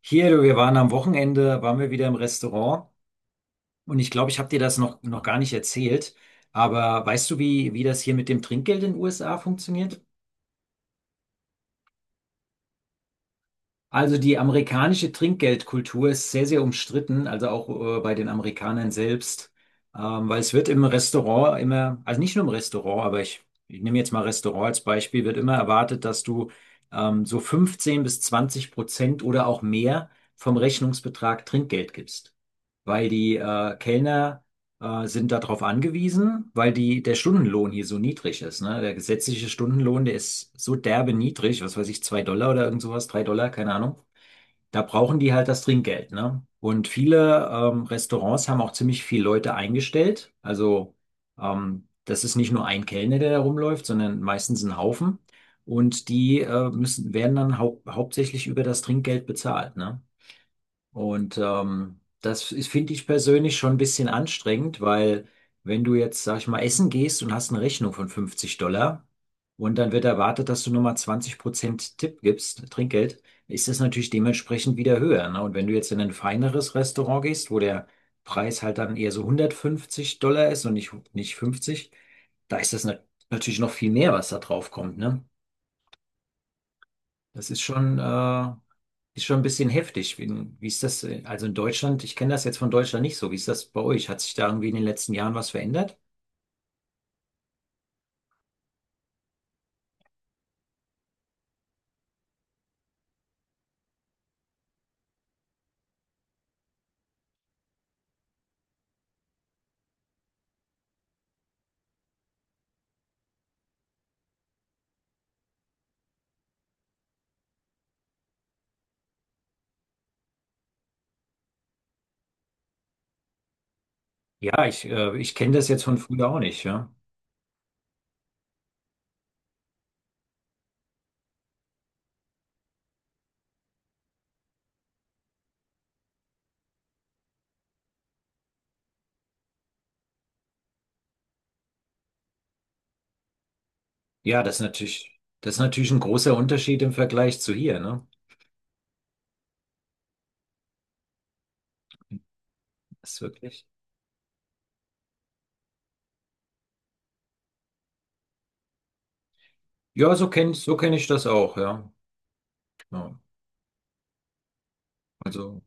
Hier, du, wir waren am Wochenende waren wir wieder im Restaurant und ich glaube, ich habe dir das noch gar nicht erzählt, aber weißt du, wie das hier mit dem Trinkgeld in den USA funktioniert? Also die amerikanische Trinkgeldkultur ist sehr, sehr umstritten, also auch bei den Amerikanern selbst, weil es wird im Restaurant immer, also nicht nur im Restaurant, aber ich nehme jetzt mal Restaurant als Beispiel, wird immer erwartet, dass du so 15 bis 20% oder auch mehr vom Rechnungsbetrag Trinkgeld gibst. Weil die Kellner sind darauf angewiesen, weil der Stundenlohn hier so niedrig ist. Ne? Der gesetzliche Stundenlohn, der ist so derbe niedrig, was weiß ich, 2 Dollar oder irgend sowas, 3 Dollar, keine Ahnung. Da brauchen die halt das Trinkgeld. Ne? Und viele Restaurants haben auch ziemlich viele Leute eingestellt. Also das ist nicht nur ein Kellner, der da rumläuft, sondern meistens ein Haufen. Und die werden dann hauptsächlich über das Trinkgeld bezahlt, ne? Und finde ich persönlich schon ein bisschen anstrengend, weil wenn du jetzt, sag ich mal, essen gehst und hast eine Rechnung von 50 Dollar und dann wird erwartet, dass du nochmal 20% Tipp gibst, Trinkgeld, ist das natürlich dementsprechend wieder höher. Ne? Und wenn du jetzt in ein feineres Restaurant gehst, wo der Preis halt dann eher so 150 Dollar ist und nicht 50, da ist das natürlich noch viel mehr, was da drauf kommt, ne? Das ist schon, äh, ist schon ein bisschen heftig. Wie ist das? Also in Deutschland, ich kenne das jetzt von Deutschland nicht so. Wie ist das bei euch? Hat sich da irgendwie in den letzten Jahren was verändert? Ja, ich kenne das jetzt von früher auch nicht, ja. Ja, das ist natürlich ein großer Unterschied im Vergleich zu hier, ne? Das ist wirklich. Ja, so kenn ich das auch, ja. Ja. Also.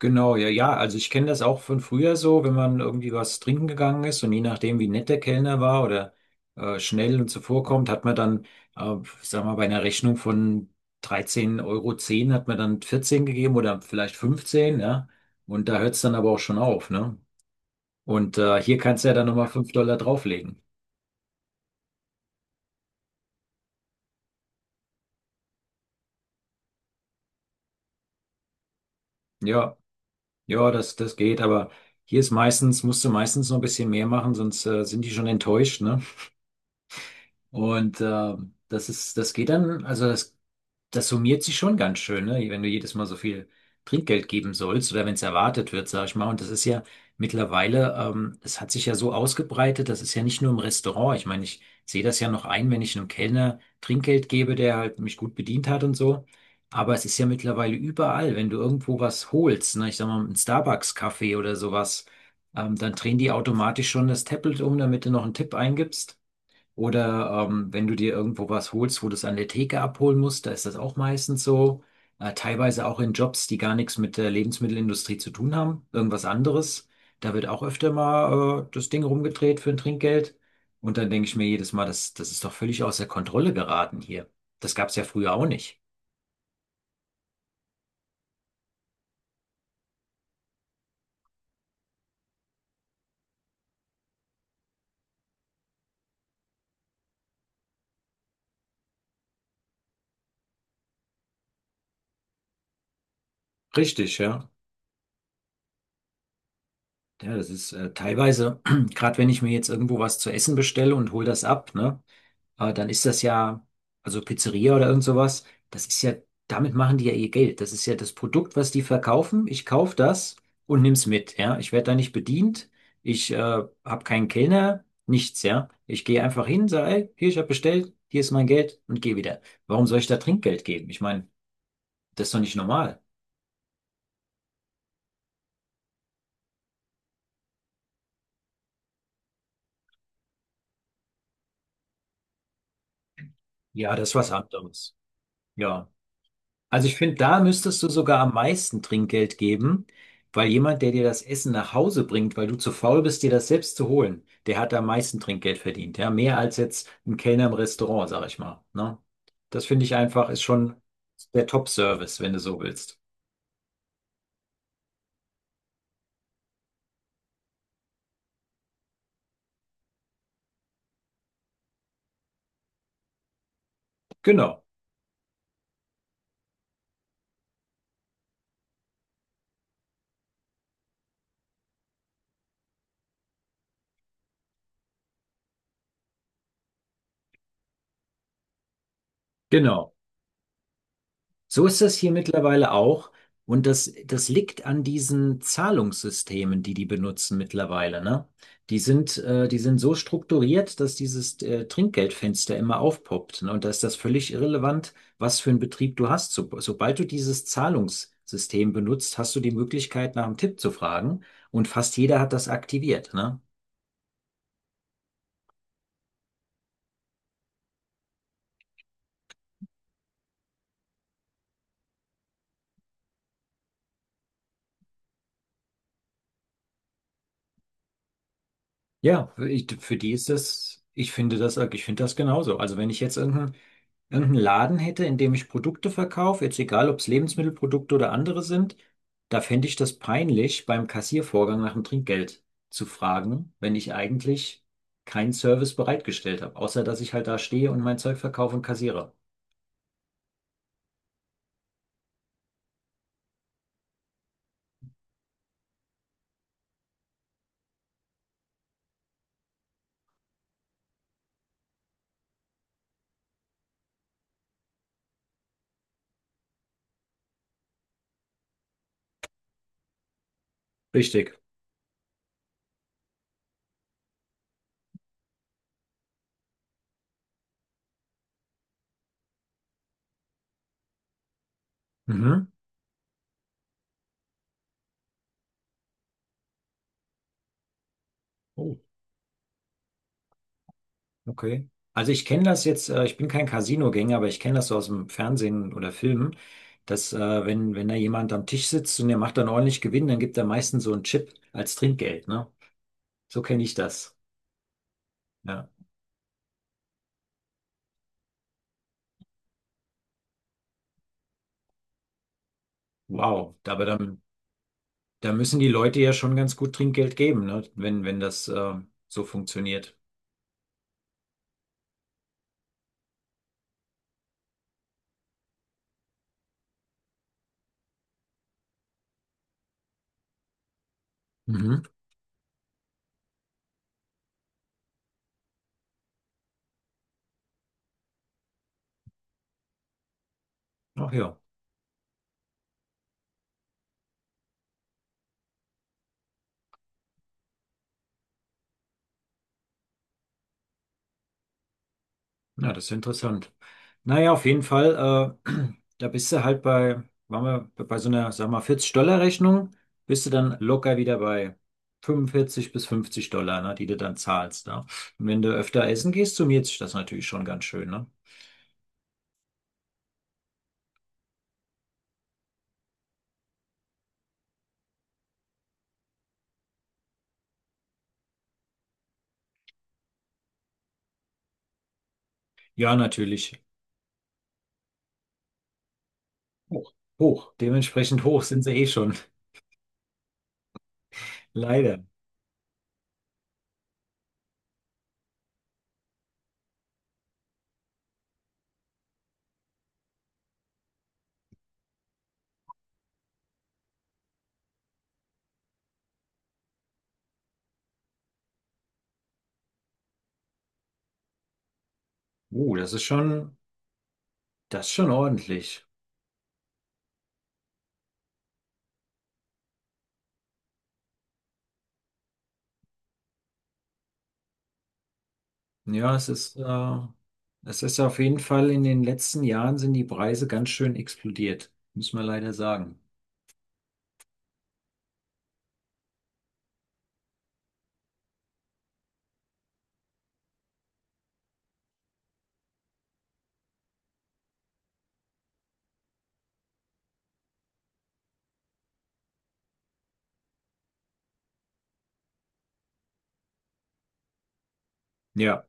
Genau, ja, ja. Also ich kenne das auch von früher so, wenn man irgendwie was trinken gegangen ist und je nachdem, wie nett der Kellner war oder schnell und zuvorkommt, hat man dann, äh, sagen wir mal, bei einer Rechnung von 13,10 Euro zehn hat man dann 14 gegeben oder vielleicht 15, ja. Und da hört es dann aber auch schon auf, ne? Und hier kannst du ja dann nochmal 5 Dollar drauflegen. Ja, ja, das geht, aber hier ist meistens, musst du meistens noch ein bisschen mehr machen, sonst sind die schon enttäuscht, ne? Und das geht dann, also das summiert sich schon ganz schön, ne? Wenn du jedes Mal so viel Trinkgeld geben sollst oder wenn es erwartet wird, sag ich mal. Und das ist ja mittlerweile, es hat sich ja so ausgebreitet, das ist ja nicht nur im Restaurant. Ich meine, ich sehe das ja noch ein, wenn ich einem Kellner Trinkgeld gebe, der halt mich gut bedient hat und so. Aber es ist ja mittlerweile überall, wenn du irgendwo was holst, ne? Ich sag mal, einen Starbucks-Kaffee oder sowas, dann drehen die automatisch schon das Tablet um, damit du noch einen Tipp eingibst. Oder wenn du dir irgendwo was holst, wo du es an der Theke abholen musst, da ist das auch meistens so. Teilweise auch in Jobs, die gar nichts mit der Lebensmittelindustrie zu tun haben, irgendwas anderes. Da wird auch öfter mal das Ding rumgedreht für ein Trinkgeld. Und dann denke ich mir jedes Mal, das ist doch völlig außer Kontrolle geraten hier. Das gab es ja früher auch nicht. Richtig, ja. Ja, das ist teilweise, gerade wenn ich mir jetzt irgendwo was zu essen bestelle und hol das ab, ne? Dann ist das ja, also Pizzeria oder irgend sowas, das ist ja, damit machen die ja ihr Geld. Das ist ja das Produkt, was die verkaufen. Ich kaufe das und nimm's mit, ja. Ich werde da nicht bedient. Ich habe keinen Kellner, nichts, ja. Ich gehe einfach hin, sage, ey, hier, ich habe bestellt, hier ist mein Geld und gehe wieder. Warum soll ich da Trinkgeld geben? Ich meine, das ist doch nicht normal. Ja, das ist was anderes. Ja. Also ich finde, da müsstest du sogar am meisten Trinkgeld geben, weil jemand, der dir das Essen nach Hause bringt, weil du zu faul bist, dir das selbst zu holen, der hat am meisten Trinkgeld verdient. Ja, mehr als jetzt ein Kellner im Restaurant, sag ich mal. Ne? Das finde ich einfach, ist schon der Top-Service, wenn du so willst. Genau, genau. So ist das hier mittlerweile auch. Und das liegt an diesen Zahlungssystemen, die die benutzen mittlerweile, ne? Die sind so strukturiert, dass dieses Trinkgeldfenster immer aufpoppt, ne? Und da ist das völlig irrelevant, was für einen Betrieb du hast. So, sobald du dieses Zahlungssystem benutzt, hast du die Möglichkeit, nach einem Tipp zu fragen. Und fast jeder hat das aktiviert, ne? Ja, für, ich, für die ist das, ich finde das, ich finde das genauso. Also wenn ich jetzt irgendeinen Laden hätte, in dem ich Produkte verkaufe, jetzt egal, ob es Lebensmittelprodukte oder andere sind, da fände ich das peinlich, beim Kassiervorgang nach dem Trinkgeld zu fragen, wenn ich eigentlich keinen Service bereitgestellt habe, außer dass ich halt da stehe und mein Zeug verkaufe und kassiere. Richtig. Mhm. Okay. Also ich kenne das jetzt, ich bin kein Casino-Gänger, aber ich kenne das so aus dem Fernsehen oder Filmen, dass wenn da jemand am Tisch sitzt und der macht dann ordentlich Gewinn, dann gibt er meistens so einen Chip als Trinkgeld, ne? So kenne ich das. Ja. Wow. Aber dann, da müssen die Leute ja schon ganz gut Trinkgeld geben, ne? Wenn das so funktioniert. Mhm. Ach ja. Ja, das ist ja interessant. Naja, auf jeden Fall, da bist du halt bei, waren wir bei so einer, sag mal, 40-Dollar-Rechnung, bist du dann locker wieder bei 45 bis 50 Dollar, ne, die du dann zahlst. Ne? Und wenn du öfter essen gehst, summiert sich das natürlich schon ganz schön, ne? Ja, natürlich. Hoch. Hoch. Dementsprechend hoch sind sie eh schon. Leider. Uh, das ist schon, das ist schon ordentlich. Ja, es ist auf jeden Fall in den letzten Jahren sind die Preise ganz schön explodiert, muss man leider sagen. Ja.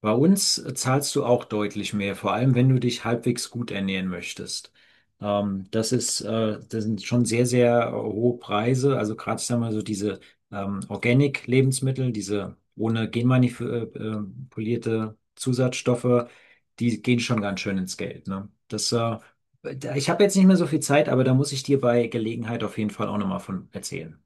Bei uns zahlst du auch deutlich mehr, vor allem wenn du dich halbwegs gut ernähren möchtest. Das sind schon sehr, sehr hohe Preise. Also gerade, sagen wir mal, so, diese Organic-Lebensmittel, diese ohne genmanipulierte Zusatzstoffe, die gehen schon ganz schön ins Geld, ne? Ich habe jetzt nicht mehr so viel Zeit, aber da muss ich dir bei Gelegenheit auf jeden Fall auch nochmal von erzählen.